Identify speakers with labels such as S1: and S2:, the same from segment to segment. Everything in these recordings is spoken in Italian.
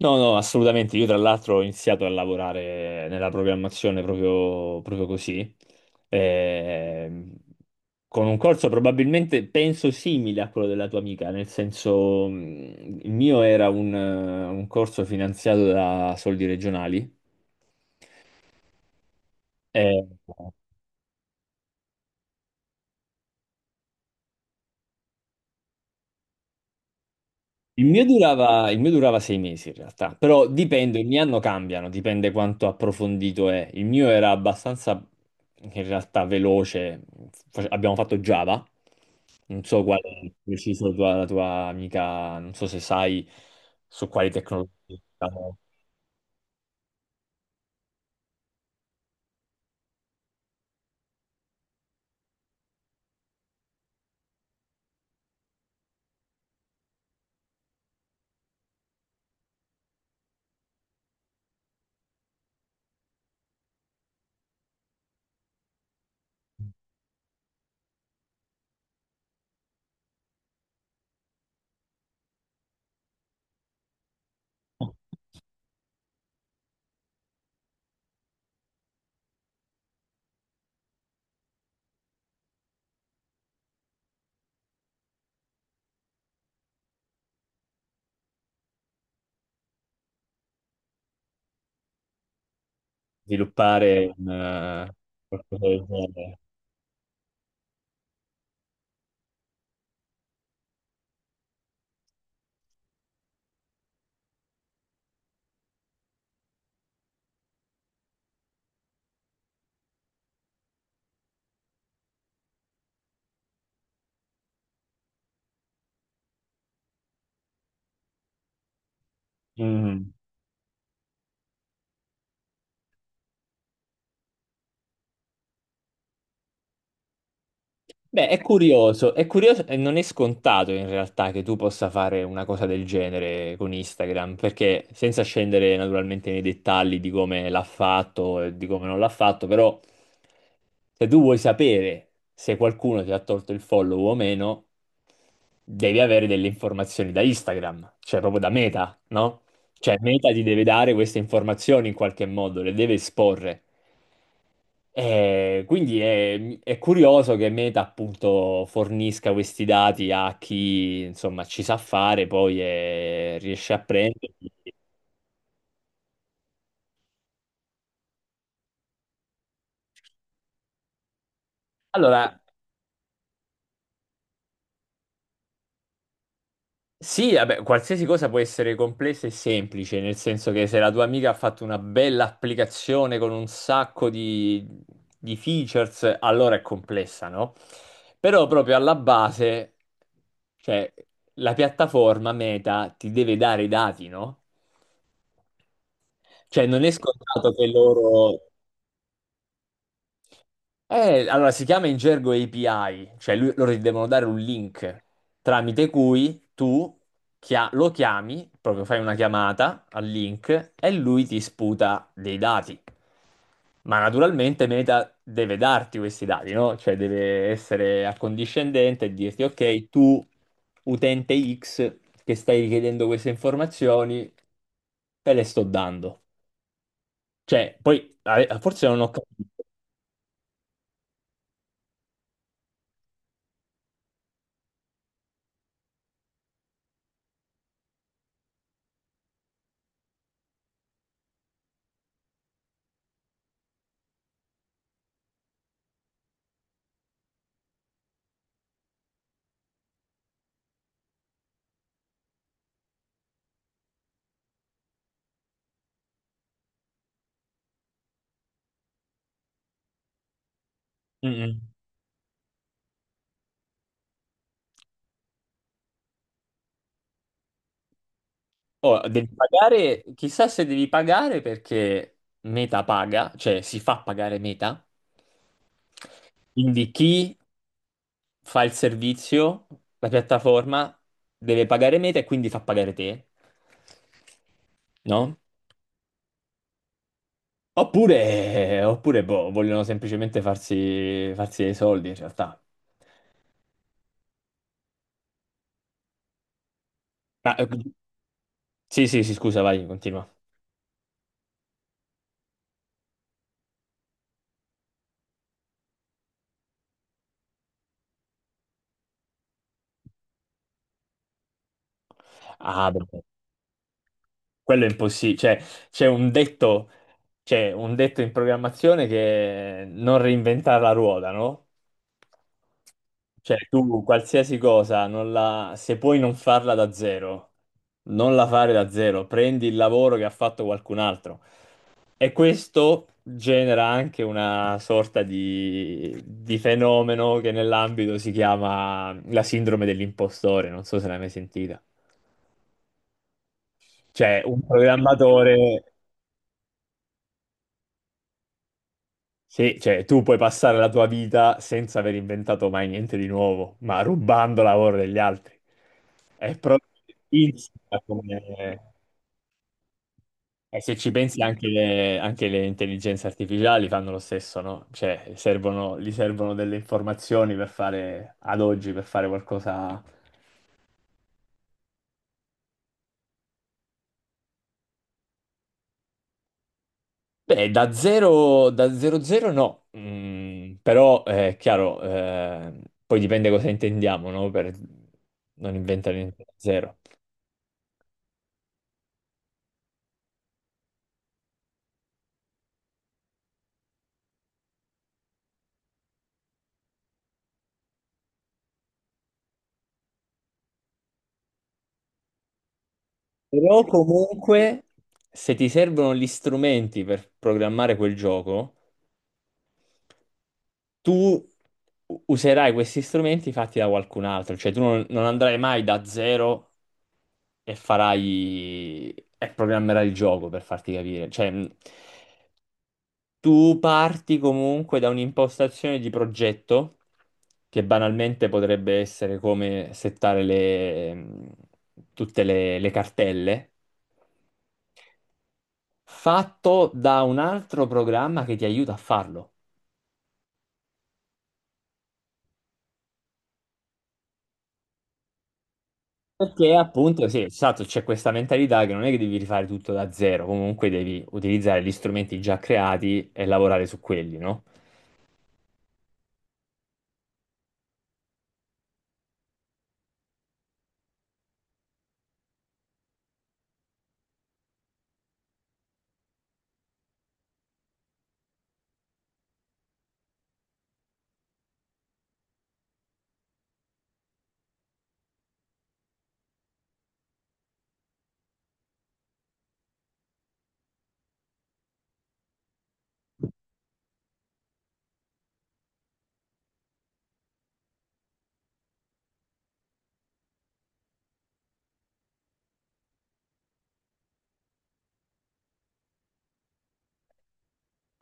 S1: No, no, assolutamente. Io tra l'altro ho iniziato a lavorare nella programmazione proprio così. Ehm, con un corso probabilmente, penso, simile a quello della tua amica, nel senso, il mio era un corso finanziato da soldi regionali. Eh, il mio durava 6 mesi in realtà, però dipende, ogni anno cambiano, dipende quanto approfondito è. Il mio era abbastanza in realtà veloce. Abbiamo fatto Java, non so quale è preciso la tua amica, non so se sai su quali tecnologie diciamo, sviluppare un, qualcosa del genere. Mm. Beh, è curioso e non è scontato in realtà che tu possa fare una cosa del genere con Instagram, perché senza scendere naturalmente nei dettagli di come l'ha fatto e di come non l'ha fatto, però se tu vuoi sapere se qualcuno ti ha tolto il follow o meno, devi avere delle informazioni da Instagram, cioè proprio da Meta, no? Cioè Meta ti deve dare queste informazioni in qualche modo, le deve esporre. Quindi è curioso che Meta appunto fornisca questi dati a chi insomma ci sa fare poi e riesce a prenderli. Allora, sì, vabbè, qualsiasi cosa può essere complessa e semplice, nel senso che se la tua amica ha fatto una bella applicazione con un sacco di features, allora è complessa, no? Però proprio alla base, cioè, la piattaforma Meta ti deve dare i dati, no? Cioè, non è scontato che loro... Allora, si chiama in gergo API, cioè loro ti devono dare un link tramite cui tu lo chiami, proprio fai una chiamata al link e lui ti sputa dei dati. Ma naturalmente Meta deve darti questi dati, no? Cioè deve essere accondiscendente e dirti, ok, tu utente X che stai richiedendo queste informazioni, te le sto dando. Cioè, poi forse non ho capito. Mm-mm. Oh, devi pagare, chissà se devi pagare perché Meta paga, cioè si fa pagare Meta. Quindi chi fa il servizio, la piattaforma, deve pagare Meta e quindi fa pagare te, no? Oppure, oppure boh, vogliono semplicemente farsi dei soldi in realtà. Ma, eh, sì, sì, sì, scusa, vai, continua. Ah, beh. Quello è impossibile, cioè c'è un detto, c'è un detto in programmazione che è non reinventare la ruota, no? Cioè tu qualsiasi cosa, non la- se puoi non farla da zero, non la fare da zero, prendi il lavoro che ha fatto qualcun altro. E questo genera anche una sorta di fenomeno che nell'ambito si chiama la sindrome dell'impostore, non so se l'hai mai sentita. Cioè un programmatore... Sì, cioè tu puoi passare la tua vita senza aver inventato mai niente di nuovo, ma rubando lavoro degli altri. È proprio insita come... E se ci pensi anche le intelligenze artificiali fanno lo stesso, no? Cioè servono, gli servono delle informazioni per fare, ad oggi, per fare qualcosa... Beh, da zero zero no, mm, però è chiaro, poi dipende cosa intendiamo, no? Per non inventare niente da zero. Però comunque, se ti servono gli strumenti per programmare quel gioco, tu userai questi strumenti fatti da qualcun altro, cioè tu non, non andrai mai da zero e farai e programmerai il gioco per farti capire. Cioè, tu parti comunque da un'impostazione di progetto che banalmente potrebbe essere come settare le, tutte le cartelle, fatto da un altro programma che ti aiuta a farlo. Perché appunto, sì, esatto, c'è questa mentalità che non è che devi rifare tutto da zero, comunque devi utilizzare gli strumenti già creati e lavorare su quelli, no?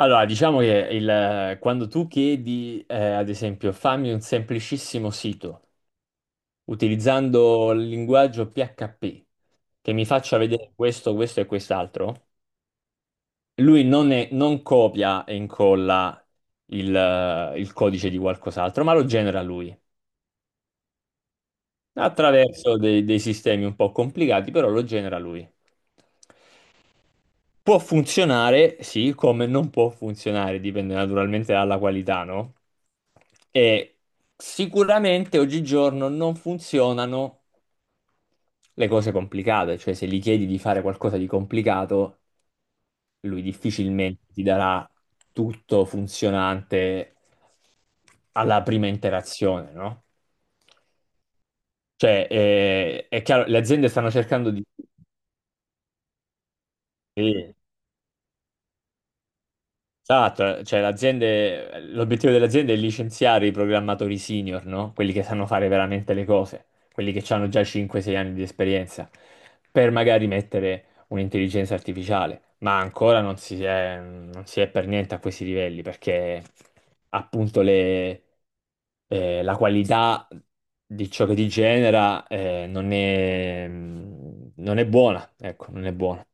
S1: Allora, diciamo che quando tu chiedi, ad esempio, fammi un semplicissimo sito utilizzando il linguaggio PHP che mi faccia vedere questo, questo e quest'altro, lui non, non copia e incolla il codice di qualcos'altro, ma lo genera lui, attraverso dei, dei sistemi un po' complicati, però lo genera lui. Può funzionare, sì, come non può funzionare, dipende naturalmente dalla qualità, no? E sicuramente oggigiorno non funzionano le cose complicate, cioè se gli chiedi di fare qualcosa di complicato, lui difficilmente ti darà tutto funzionante alla prima interazione, no? Cioè, è chiaro, le aziende stanno cercando di... Esatto, cioè l'azienda, l'obiettivo dell'azienda è licenziare i programmatori senior, no? Quelli che sanno fare veramente le cose, quelli che hanno già 5-6 anni di esperienza, per magari mettere un'intelligenza artificiale, ma ancora non si è, non si è per niente a questi livelli, perché appunto le, la qualità di ciò che ti genera, non è, non è buona, ecco, non è buona.